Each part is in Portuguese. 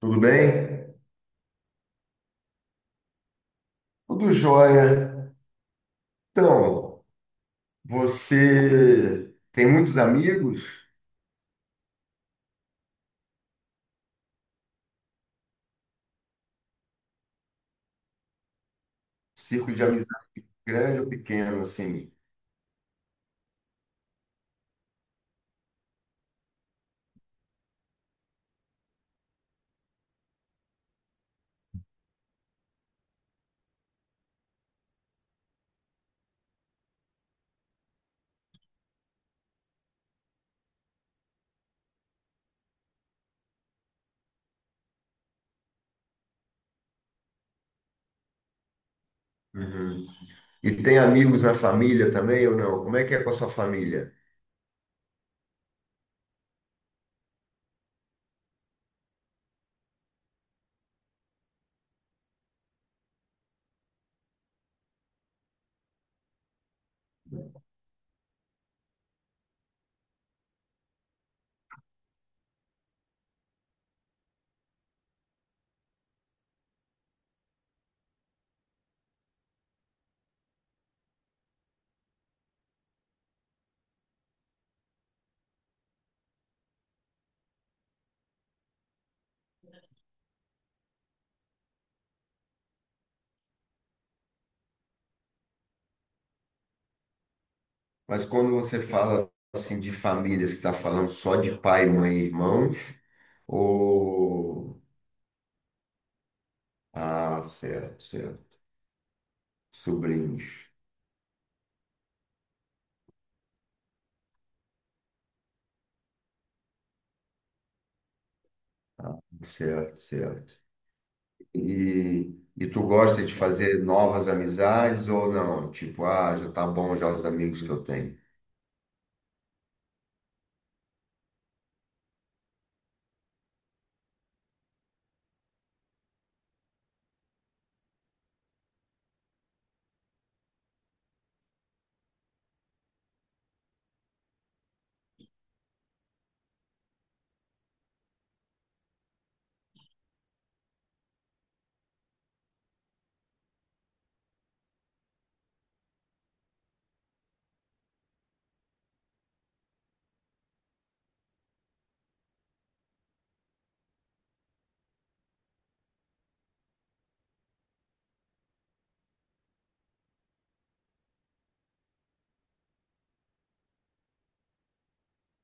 Tudo bem? Tudo jóia. Então, você tem muitos amigos? Círculo de amizade grande ou pequeno, assim? Uhum. E tem amigos na família também ou não? Como é que é com a sua família? Mas quando você fala assim de família, você está falando só de pai, mãe e irmão? Ou... Ah, certo, certo. Sobrinhos. Certo, certo. E tu gosta de fazer novas amizades ou não? Tipo, ah, já tá bom já os amigos que eu tenho.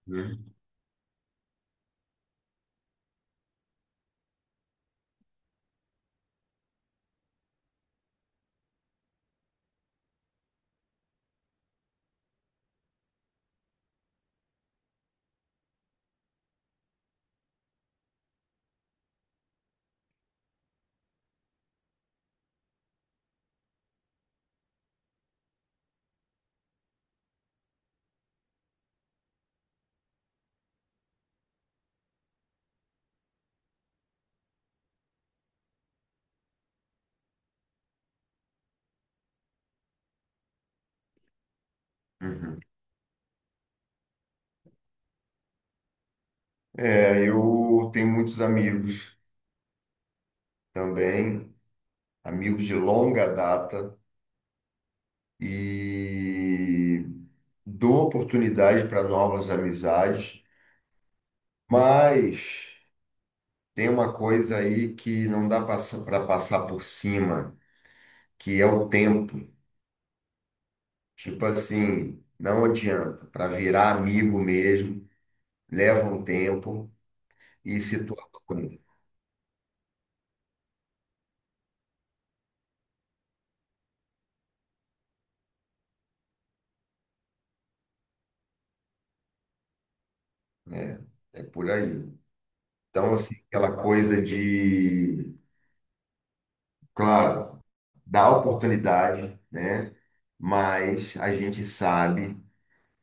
Né? Uhum. É, eu tenho muitos amigos também, amigos de longa data e dou oportunidade para novas amizades, mas tem uma coisa aí que não dá para passar por cima, que é o tempo. Tipo assim, não adianta, para virar amigo mesmo, leva um tempo e situações, né? É por aí. Então, assim, aquela coisa de, claro, dá oportunidade, né? Mas a gente sabe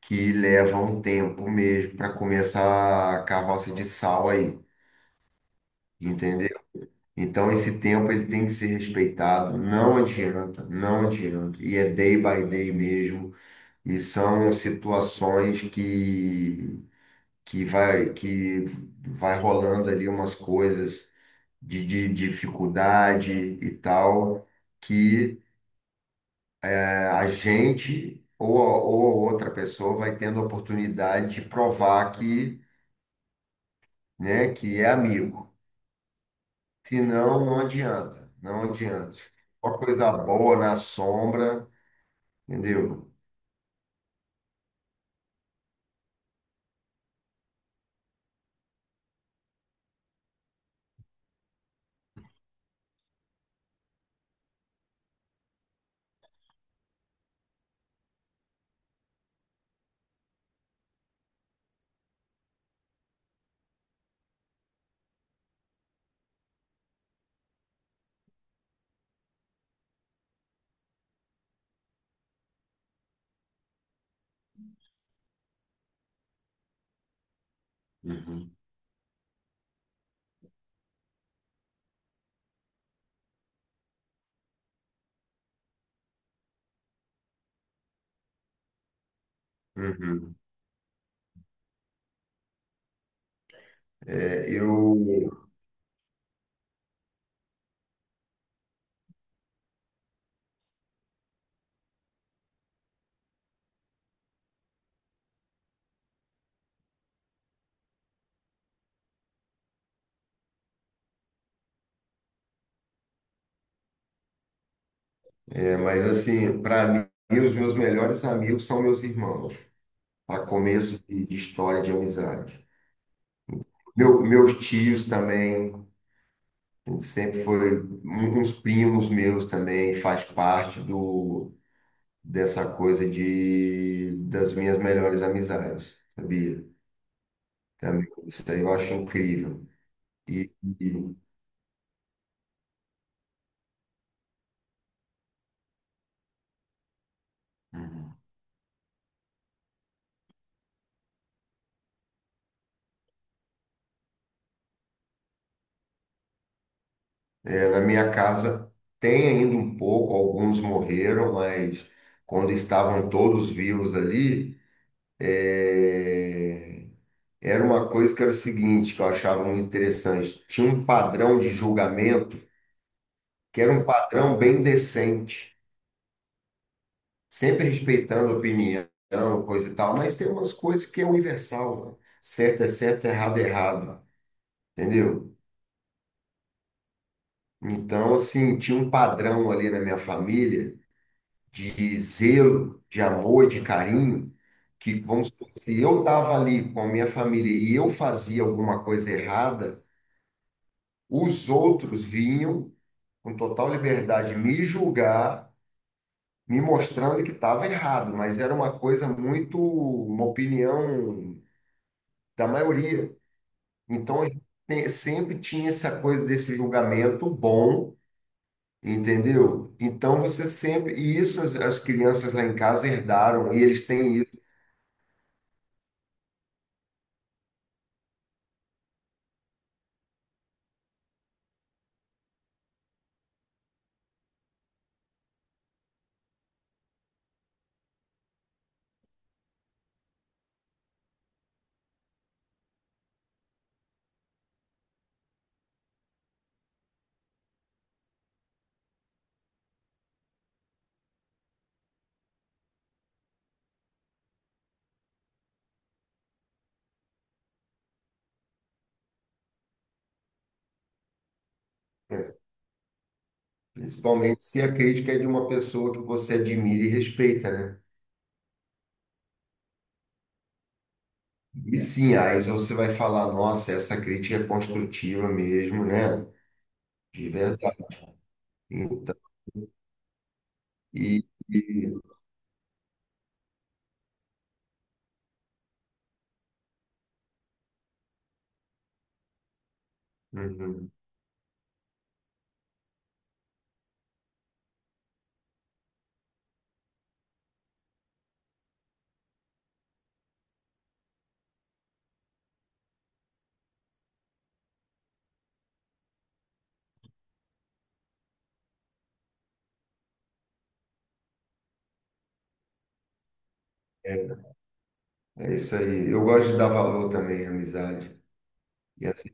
que leva um tempo mesmo para começar a carroça de sal aí, entendeu? Então, esse tempo ele tem que ser respeitado, não adianta, não adianta. E é day by day mesmo, e são situações que vai rolando ali umas coisas de dificuldade e tal, que a gente ou, ou a outra pessoa vai tendo a oportunidade de provar que, né, que é amigo. Senão, não adianta, não adianta. Uma coisa boa na sombra, entendeu? Uhum. Uhum. É, eu, mas assim, para mim, os meus melhores amigos são meus irmãos, a começo de história de amizade. Meus tios também, sempre foi, uns primos meus também, faz parte do, dessa coisa de, das minhas melhores amizades, sabia? Também, isso aí eu acho incrível. E, e, é, na minha casa tem ainda um pouco, alguns morreram, mas quando estavam todos vivos ali, é, era uma coisa que era o seguinte, que eu achava muito interessante. Tinha um padrão de julgamento que era um padrão bem decente, sempre respeitando a opinião, coisa e tal, mas tem umas coisas que é universal, né? Certo é certo, errado é errado, entendeu? Então, assim, tinha um padrão ali na minha família de zelo, de amor, de carinho, que, vamos supor, se eu estava ali com a minha família e eu fazia alguma coisa errada, os outros vinham com total liberdade, me julgar, me mostrando que estava errado, mas era uma coisa muito, uma opinião da maioria. Então, a gente sempre tinha essa coisa desse julgamento bom, entendeu? Então, você sempre. E isso as crianças lá em casa herdaram, e eles têm isso, né? Principalmente se a crítica é de uma pessoa que você admira e respeita, né? E sim, aí você vai falar, nossa, essa crítica é construtiva mesmo, né? De verdade. E, e- Uhum. É, é isso aí. Eu gosto de dar valor também à amizade. E assim,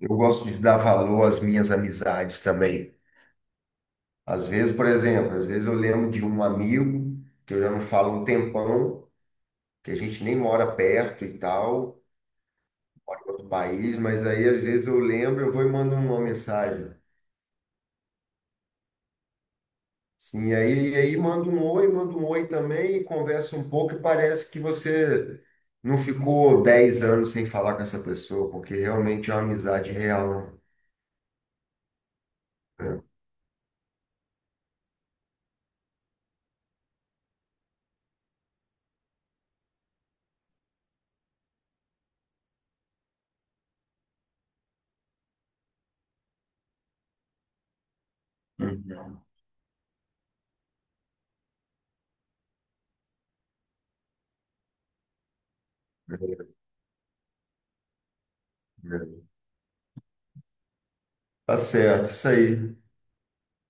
eu gosto de dar valor às minhas amizades também. Às vezes, por exemplo, às vezes eu lembro de um amigo que eu já não falo um tempão, que a gente nem mora perto e tal, mora em outro país, mas aí às vezes eu lembro, eu vou e mando uma mensagem. Sim, e aí manda um oi também, e conversa um pouco e parece que você não ficou 10 anos sem falar com essa pessoa, porque realmente é uma amizade real. Né? Uhum. É, é. Tá certo, isso aí.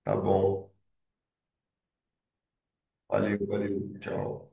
Tá bom. Valeu, valeu. Tchau.